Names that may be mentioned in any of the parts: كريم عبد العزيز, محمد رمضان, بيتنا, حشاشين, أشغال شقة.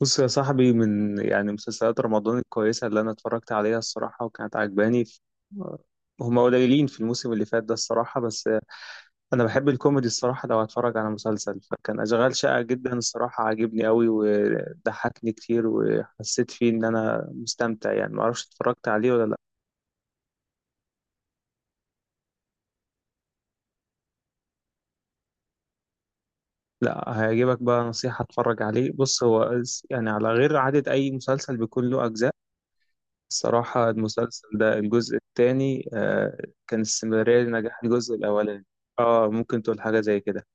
بص يا صاحبي، من يعني مسلسلات رمضان الكويسة اللي أنا اتفرجت عليها الصراحة وكانت عجباني هما قليلين في الموسم اللي فات ده الصراحة. بس أنا بحب الكوميدي الصراحة. لو هتفرج على مسلسل فكان أشغال شقة جدا الصراحة، عاجبني قوي وضحكني كتير وحسيت فيه إن أنا مستمتع. يعني معرفش اتفرجت عليه ولا لأ. لا هيعجبك بقى، نصيحة اتفرج عليه. بص، هو يعني على غير عادة أي مسلسل بيكون له أجزاء. الصراحة المسلسل ده الجزء الثاني كان استمرارية لنجاح الجزء الأولاني. اه ممكن تقول حاجة زي كده.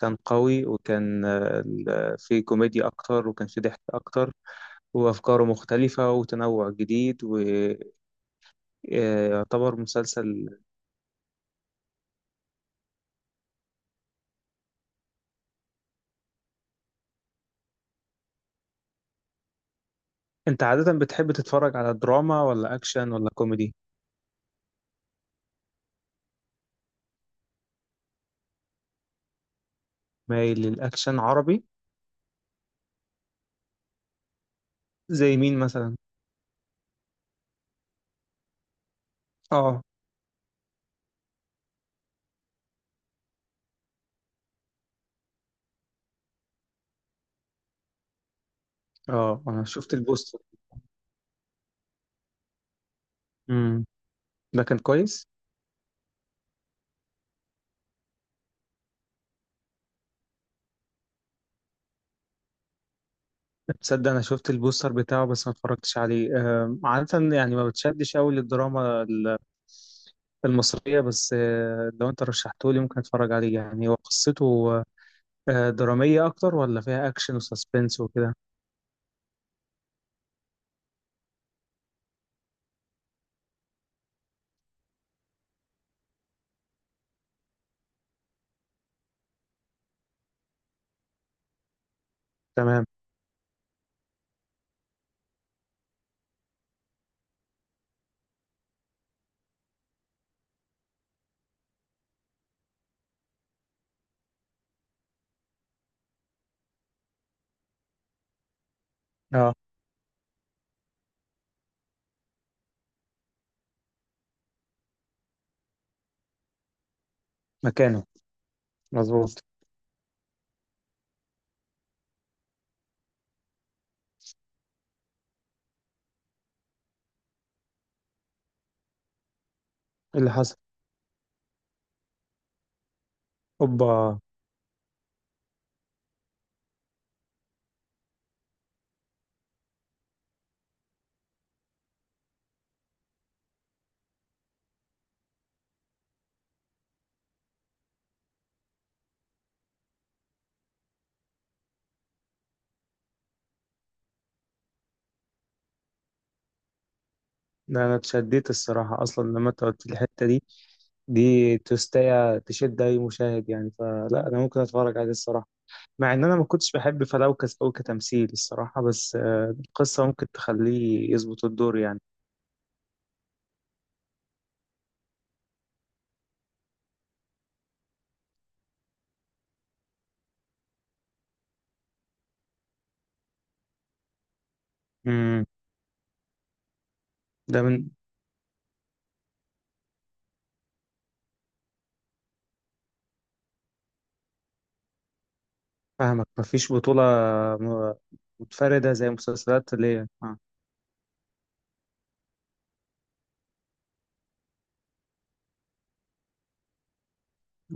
كان قوي وكان فيه كوميديا أكتر وكان فيه ضحك أكتر وأفكاره مختلفة وتنوع جديد، ويعتبر مسلسل. أنت عادة بتحب تتفرج على دراما ولا أكشن ولا كوميدي؟ مايل للأكشن عربي. زي مين مثلا؟ اه. اه أنا شفت البوستر. امم ده كان كويس؟ تصدق انا شفت البوستر بتاعه بس ما اتفرجتش عليه. عادة يعني ما بتشدش قوي للدراما المصرية بس. لو انت رشحته لي ممكن اتفرج عليه. يعني هو قصته درامية اكتر ولا فيها اكشن وسسبنس وكده؟ تمام. اه. مكانه. مظبوط. ايه اللي حصل؟ اوبا. ده انا اتشديت الصراحة اصلا لما انت قلت لي الحتة دي. دي تستاهل تشد اي مشاهد يعني. فلا، انا ممكن اتفرج عليه الصراحة مع ان انا ما كنتش بحب فلوكس او كتمثيل الصراحة، بس قصة ممكن تخليه يظبط الدور يعني. امم ده من فاهمك، مفيش بطولة م- متفردة زي مسلسلات اللي هي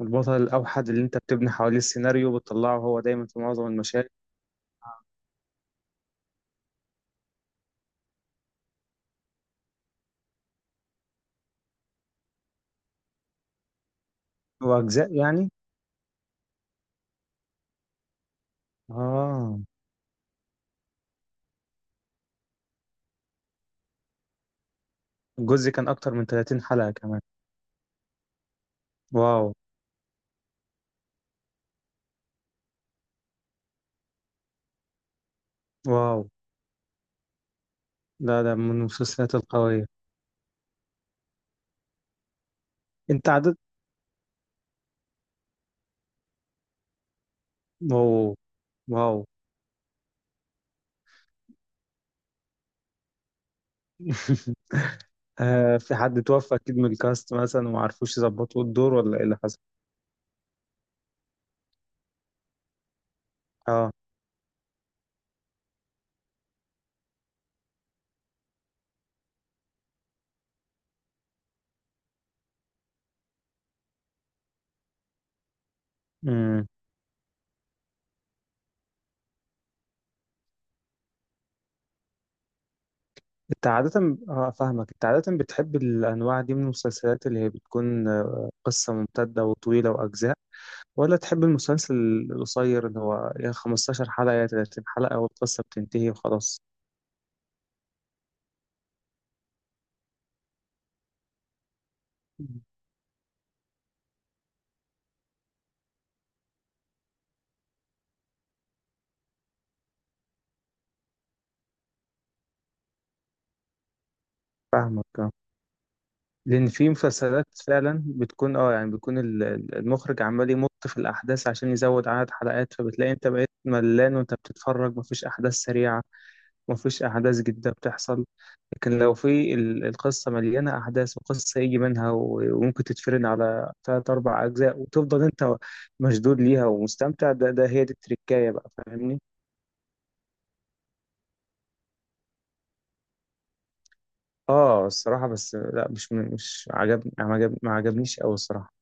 البطل الأوحد اللي أنت بتبني حواليه السيناريو، بتطلعه هو دايما في معظم المشاهد. وأجزاء يعني. اه الجزء كان أكتر من 30 حلقة كمان. واو. واو. لا ده من المسلسلات القوية. أنت عدد. واو. واو. آه، في حد توفى أكيد من الكاست مثلا وما عرفوش يظبطوا الدور، ولا إيه اللي حصل؟ آه. انت عادة اه فاهمك، انت عادة بتحب الانواع دي من المسلسلات اللي هي بتكون قصة ممتدة وطويلة واجزاء، ولا تحب المسلسل القصير اللي هو يا 15 حلقة يا 30 حلقة والقصة بتنتهي وخلاص؟ فاهمك. اه، لان في مسلسلات فعلا بتكون اه يعني بيكون المخرج عمال يمط في الاحداث عشان يزود عدد حلقات، فبتلاقي انت بقيت ملان وانت بتتفرج مفيش احداث سريعة. ما فيش أحداث جديدة بتحصل. لكن لو في القصة مليانة أحداث وقصة يجي منها وممكن تتفرن على تلات أربع أجزاء وتفضل أنت مشدود ليها ومستمتع. ده، هي دي التركاية بقى، فاهمني؟ آه الصراحة، بس لا، مش مش عجبني، ما عجبنيش أوي الصراحة.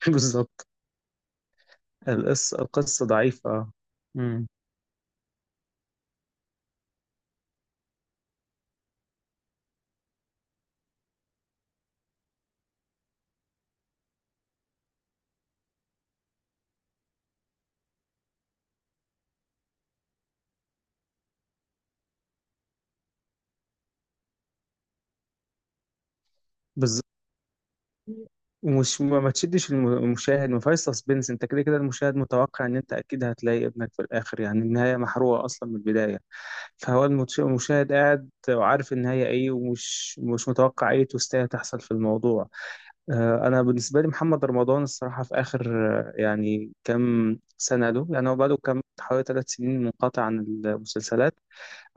بالظبط. القصة ضعيفة. امم بالظبط. ومش ما تشدش المشاهد، ما فيهاش سسبنس. انت كده كده المشاهد متوقع ان انت اكيد هتلاقي ابنك في الاخر. يعني النهايه محروقه اصلا من البدايه. فهو المشاهد قاعد وعارف النهاية إيه، ومش مش متوقع أي توستاية تحصل في الموضوع. أنا بالنسبة لي محمد رمضان الصراحة في آخر يعني كام سنة له. يعني هو بقاله كام، حوالي 3 سنين منقطع عن المسلسلات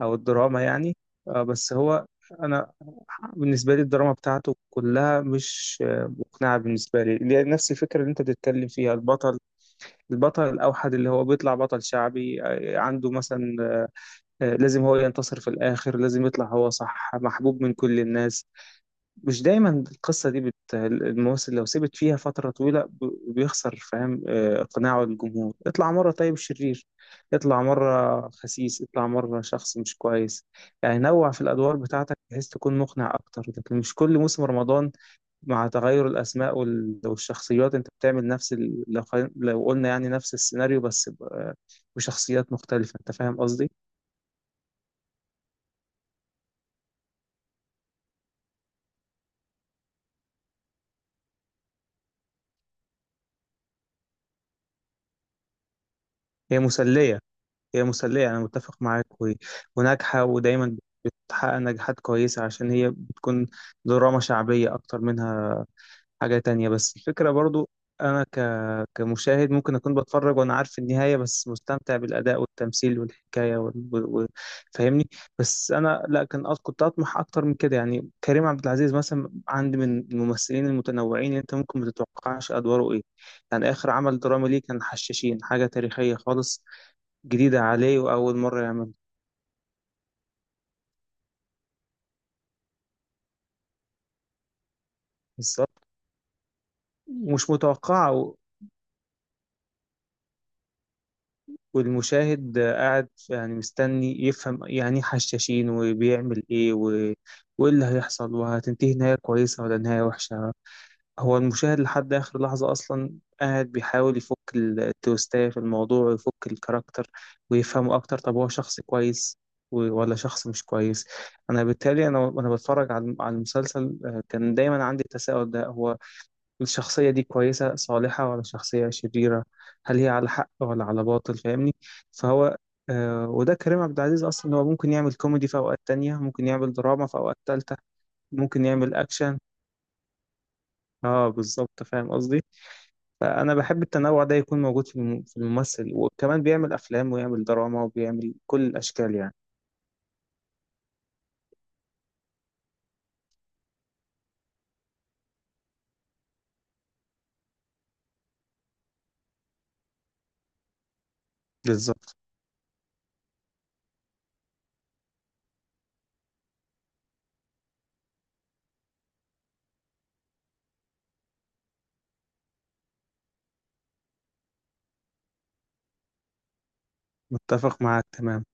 أو الدراما يعني. بس هو أنا بالنسبة لي الدراما بتاعته كلها مش مقنعة بالنسبة لي، اللي هي نفس الفكرة اللي أنت بتتكلم فيها، البطل الأوحد اللي هو بيطلع بطل شعبي. عنده مثلا لازم هو ينتصر في الآخر، لازم يطلع هو صح، محبوب من كل الناس. مش دايما القصة دي الممثل لو سبت فيها فترة طويلة بيخسر، فاهم إقناعه للجمهور. اطلع مرة طيب، شرير، اطلع مرة خسيس، اطلع مرة شخص مش كويس. يعني نوع في الأدوار بتاعتك بحيث تكون مقنع أكتر، لكن مش كل موسم رمضان مع تغير الأسماء والشخصيات أنت بتعمل نفس لو قلنا يعني نفس السيناريو بس ب... آه، بشخصيات مختلفة. أنت فاهم قصدي؟ هي مسلية. هي مسلية، أنا متفق معاك وناجحة، ودايما بتحقق نجاحات كويسة عشان هي بتكون دراما شعبية أكتر منها، حاجة تانية. بس الفكرة برضو أنا كمشاهد ممكن أكون بتفرج وأنا عارف النهاية، بس مستمتع بالأداء والتمثيل والحكاية فاهمني. بس أنا لا كان كنت أطمح أكتر من كده. يعني كريم عبد العزيز مثلا عندي من الممثلين المتنوعين، أنت ممكن ما تتوقعش أدواره إيه. يعني آخر عمل درامي ليه كان حشاشين، حاجة تاريخية خالص جديدة عليه وأول مرة يعمل. بالظبط، مش متوقعة والمشاهد قاعد يعني مستني يفهم يعني إيه حشاشين وبيعمل إيه وإيه اللي هيحصل، وهتنتهي نهاية كويسة ولا نهاية وحشة. هو المشاهد لحد آخر لحظة أصلا قاعد بيحاول يفك التويستاية في الموضوع، ويفك الكاركتر ويفهمه أكتر. طب هو شخص كويس ولا شخص مش كويس؟ أنا بالتالي أنا بتفرج على المسلسل كان دايما عندي التساؤل ده. هو الشخصية دي كويسة صالحة ولا شخصية شريرة؟ هل هي على حق ولا على باطل، فاهمني؟ فهو وده كريم عبد العزيز أصلا، هو ممكن يعمل كوميدي في أوقات تانية، ممكن يعمل دراما في أوقات تالتة. ممكن يعمل أكشن. اه بالظبط، فاهم قصدي. فأنا بحب التنوع ده يكون موجود في في الممثل، وكمان بيعمل أفلام ويعمل دراما وبيعمل كل الأشكال يعني. بالظبط، متفق معاك، تمام.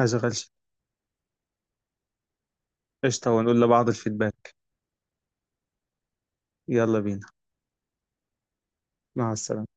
أشغل. قشطة، ونقول لبعض الفيدباك. يلا بينا. مع السلامة.